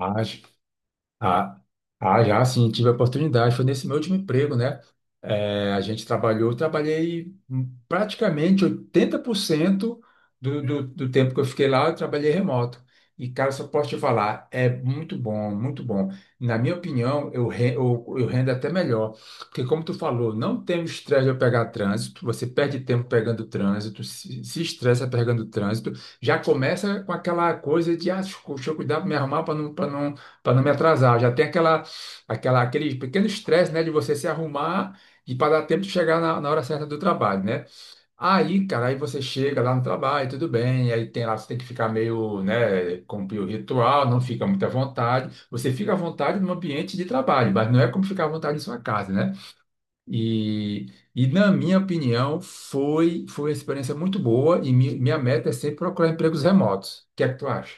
Ah, j- ah, já sim, tive a oportunidade. Foi nesse meu último emprego, né? É, a gente trabalhou, eu trabalhei praticamente 80% do tempo que eu fiquei lá, eu trabalhei remoto. E, cara, só posso te falar, é muito bom, muito bom. Na minha opinião, eu rendo até melhor. Porque, como tu falou, não tem o estresse de pegar trânsito, você perde tempo pegando trânsito, se estressa pegando trânsito, já começa com aquela coisa de, ah, deixa eu cuidar para me arrumar para não me atrasar. Já tem aquele pequeno estresse, né, de você se arrumar e para dar tempo de chegar na hora certa do trabalho, né? Aí, cara, aí você chega lá no trabalho, tudo bem, aí tem lá, você tem que ficar meio, né, cumprir o ritual, não fica muito à vontade. Você fica à vontade no ambiente de trabalho, mas não é como ficar à vontade em sua casa, né? E, e na minha opinião, foi uma experiência muito boa e minha meta é sempre procurar empregos remotos. O que é que tu acha?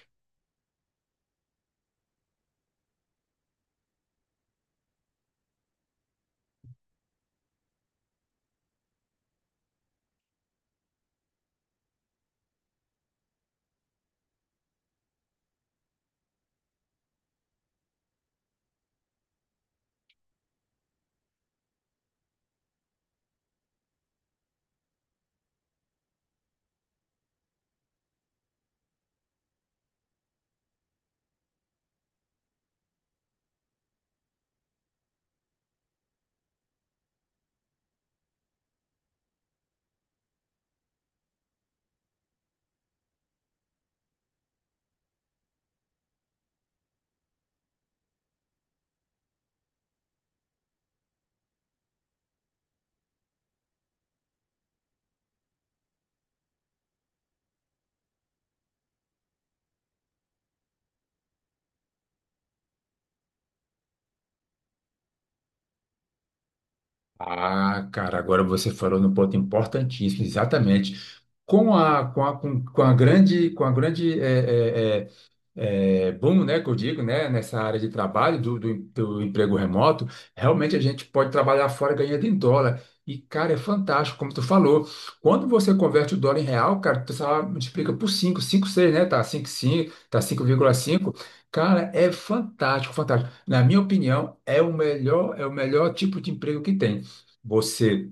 Ah, cara, agora você falou no ponto importantíssimo, exatamente. Com a grande boom, né, que eu digo, né, nessa área de trabalho do emprego remoto, realmente a gente pode trabalhar fora ganhando em dólar. E, cara, é fantástico, como tu falou. Quando você converte o dólar em real, cara, tu só multiplica por cinco, cinco seis, né? Tá, cinco 5, tá cinco vírgula cinco. Cara, é fantástico, fantástico. Na minha opinião, é o melhor tipo de emprego que tem. Você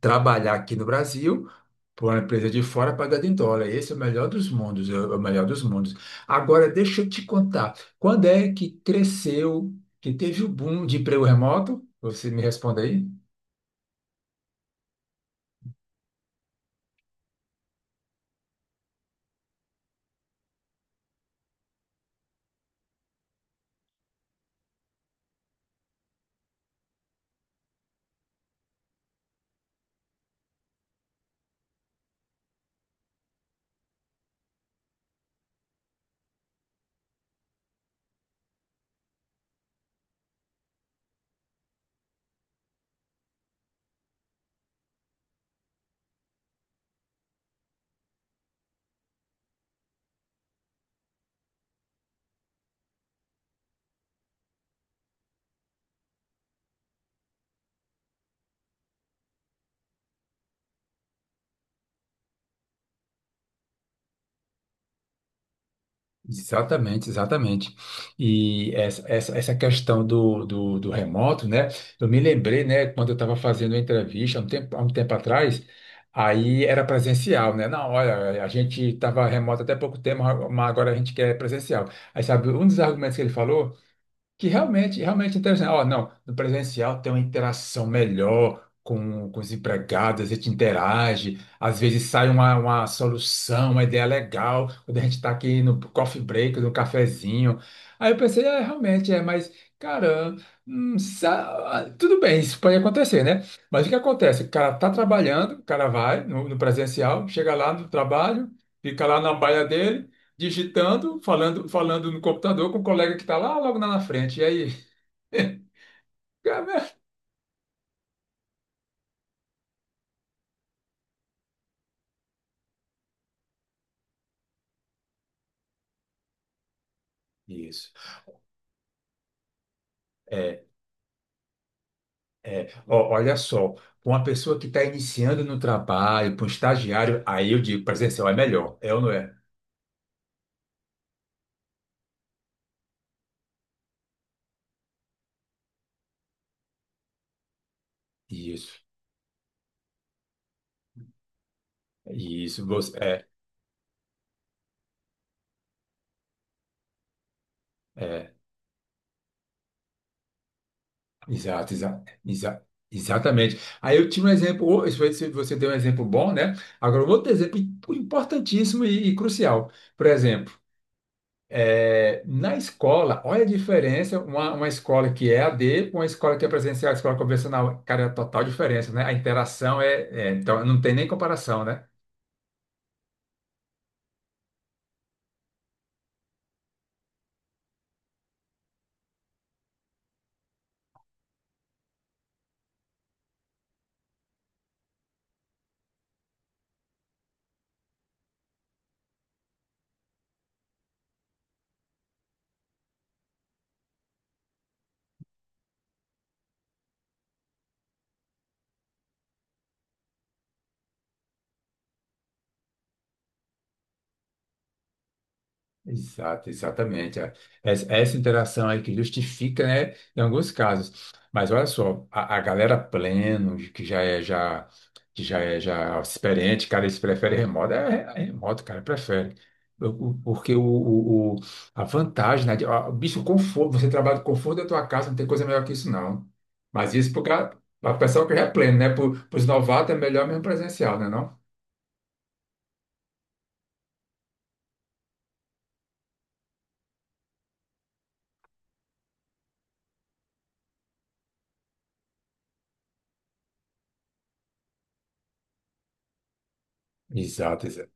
trabalhar aqui no Brasil para uma empresa de fora pagada em dólar. Esse é o melhor dos mundos, é o melhor dos mundos. Agora, deixa eu te contar, quando é que cresceu, que teve o boom de emprego remoto? Você me responde aí? Exatamente, exatamente. E essa questão do remoto, né? Eu me lembrei, né, quando eu estava fazendo a entrevista há um tempo atrás, aí era presencial, né? Não, olha, a gente estava remoto até pouco tempo, mas agora a gente quer presencial. Aí sabe, um dos argumentos que ele falou que realmente, realmente é interessante. Ó, não, no presencial tem uma interação melhor com os empregados, a gente interage, às vezes sai uma solução, uma ideia legal, quando a gente está aqui no coffee break, no cafezinho. Aí eu pensei, é, realmente, é, mas, cara, tudo bem, isso pode acontecer, né? Mas o que acontece? O cara tá trabalhando, o cara vai no presencial, chega lá no trabalho, fica lá na baia dele digitando, falando, falando no computador com o colega que está lá logo lá na frente. E aí? Cara, isso. É, é. Ó, olha só, para uma pessoa que está iniciando no trabalho, para um estagiário, aí eu digo, presencial é melhor, é ou não é? Isso. Isso, você, é, é, exato, exato, exato. Exatamente. Aí eu tinha um exemplo, ô, se você deu um exemplo bom, né? Agora, um outro exemplo importantíssimo e crucial. Por exemplo, é, na escola, olha a diferença, uma escola que é a D com uma escola que é presencial, escola convencional, cara, é a total diferença, né? A interação é, então não tem nem comparação, né? Exato, exatamente. É. Essa interação aí que justifica, né, em alguns casos. Mas olha só, a galera pleno, que já é já experiente, cara, eles preferem remoto, é remoto, cara, prefere. Porque a vantagem, né, de- ó, o bicho, o conforto, você trabalha no conforto da tua casa, não tem coisa melhor que isso, não. Mas isso para o pessoal que já é pleno, né? Para os novatos é melhor mesmo presencial, né, não? Exato, exato.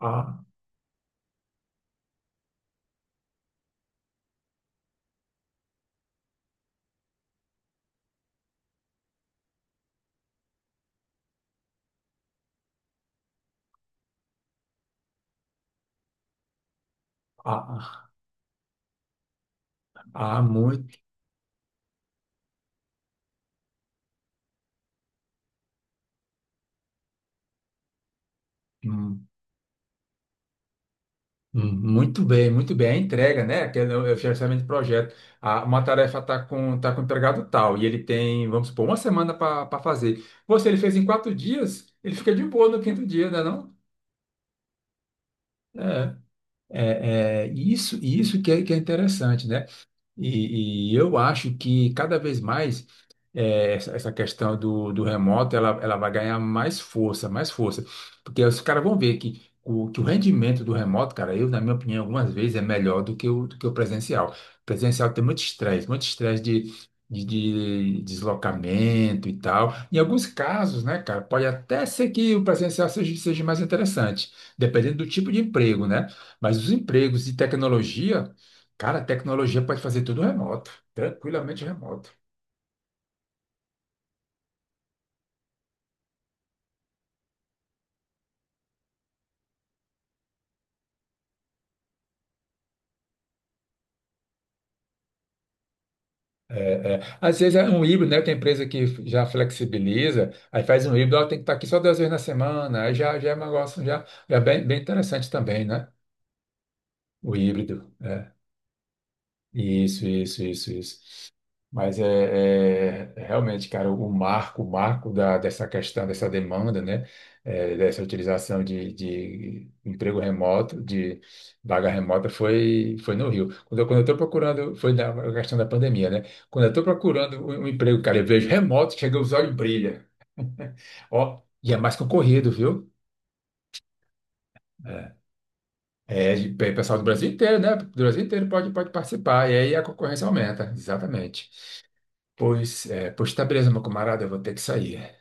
Há, há, há muito. Muito bem, muito bem. A entrega, né? Que é o gerenciamento de projeto. Ah, uma tarefa está com, tá com o empregado tal, e ele tem, vamos supor, uma semana para fazer. Você, ele fez em quatro dias, ele fica de boa no quinto dia, né, não? É, isso, que é interessante, né? E eu acho que cada vez mais essa questão do remoto ela vai ganhar mais força, mais força. Porque os caras vão ver que o rendimento do remoto, cara, eu, na minha opinião, algumas vezes é melhor do que do que o presencial. O presencial tem muito estresse de deslocamento e tal. Em alguns casos, né, cara, pode até ser que o presencial seja, seja mais interessante, dependendo do tipo de emprego, né? Mas os empregos de tecnologia. Cara, a tecnologia pode fazer tudo remoto, tranquilamente remoto. É, é. Às vezes é um híbrido, né? Tem empresa que já flexibiliza, aí faz um híbrido, ela tem que estar aqui só duas vezes na semana, aí já, já é um negócio já é bem, bem interessante também, né? O híbrido. É. Isso, isso, isso, isso. Mas é realmente, cara, o marco da, dessa questão, dessa demanda, né? É, dessa utilização de emprego remoto, de vaga remota, foi no Rio. Quando eu estou procurando, foi na questão da pandemia, né? Quando eu estou procurando um emprego, cara, eu vejo remoto, chega os olhos brilha. Ó, e é mais concorrido, viu? É, é, pessoal do Brasil inteiro, né? Do Brasil inteiro pode, pode participar, e aí a concorrência aumenta, exatamente. Pois, é, pois tá beleza, meu camarada, eu vou ter que sair.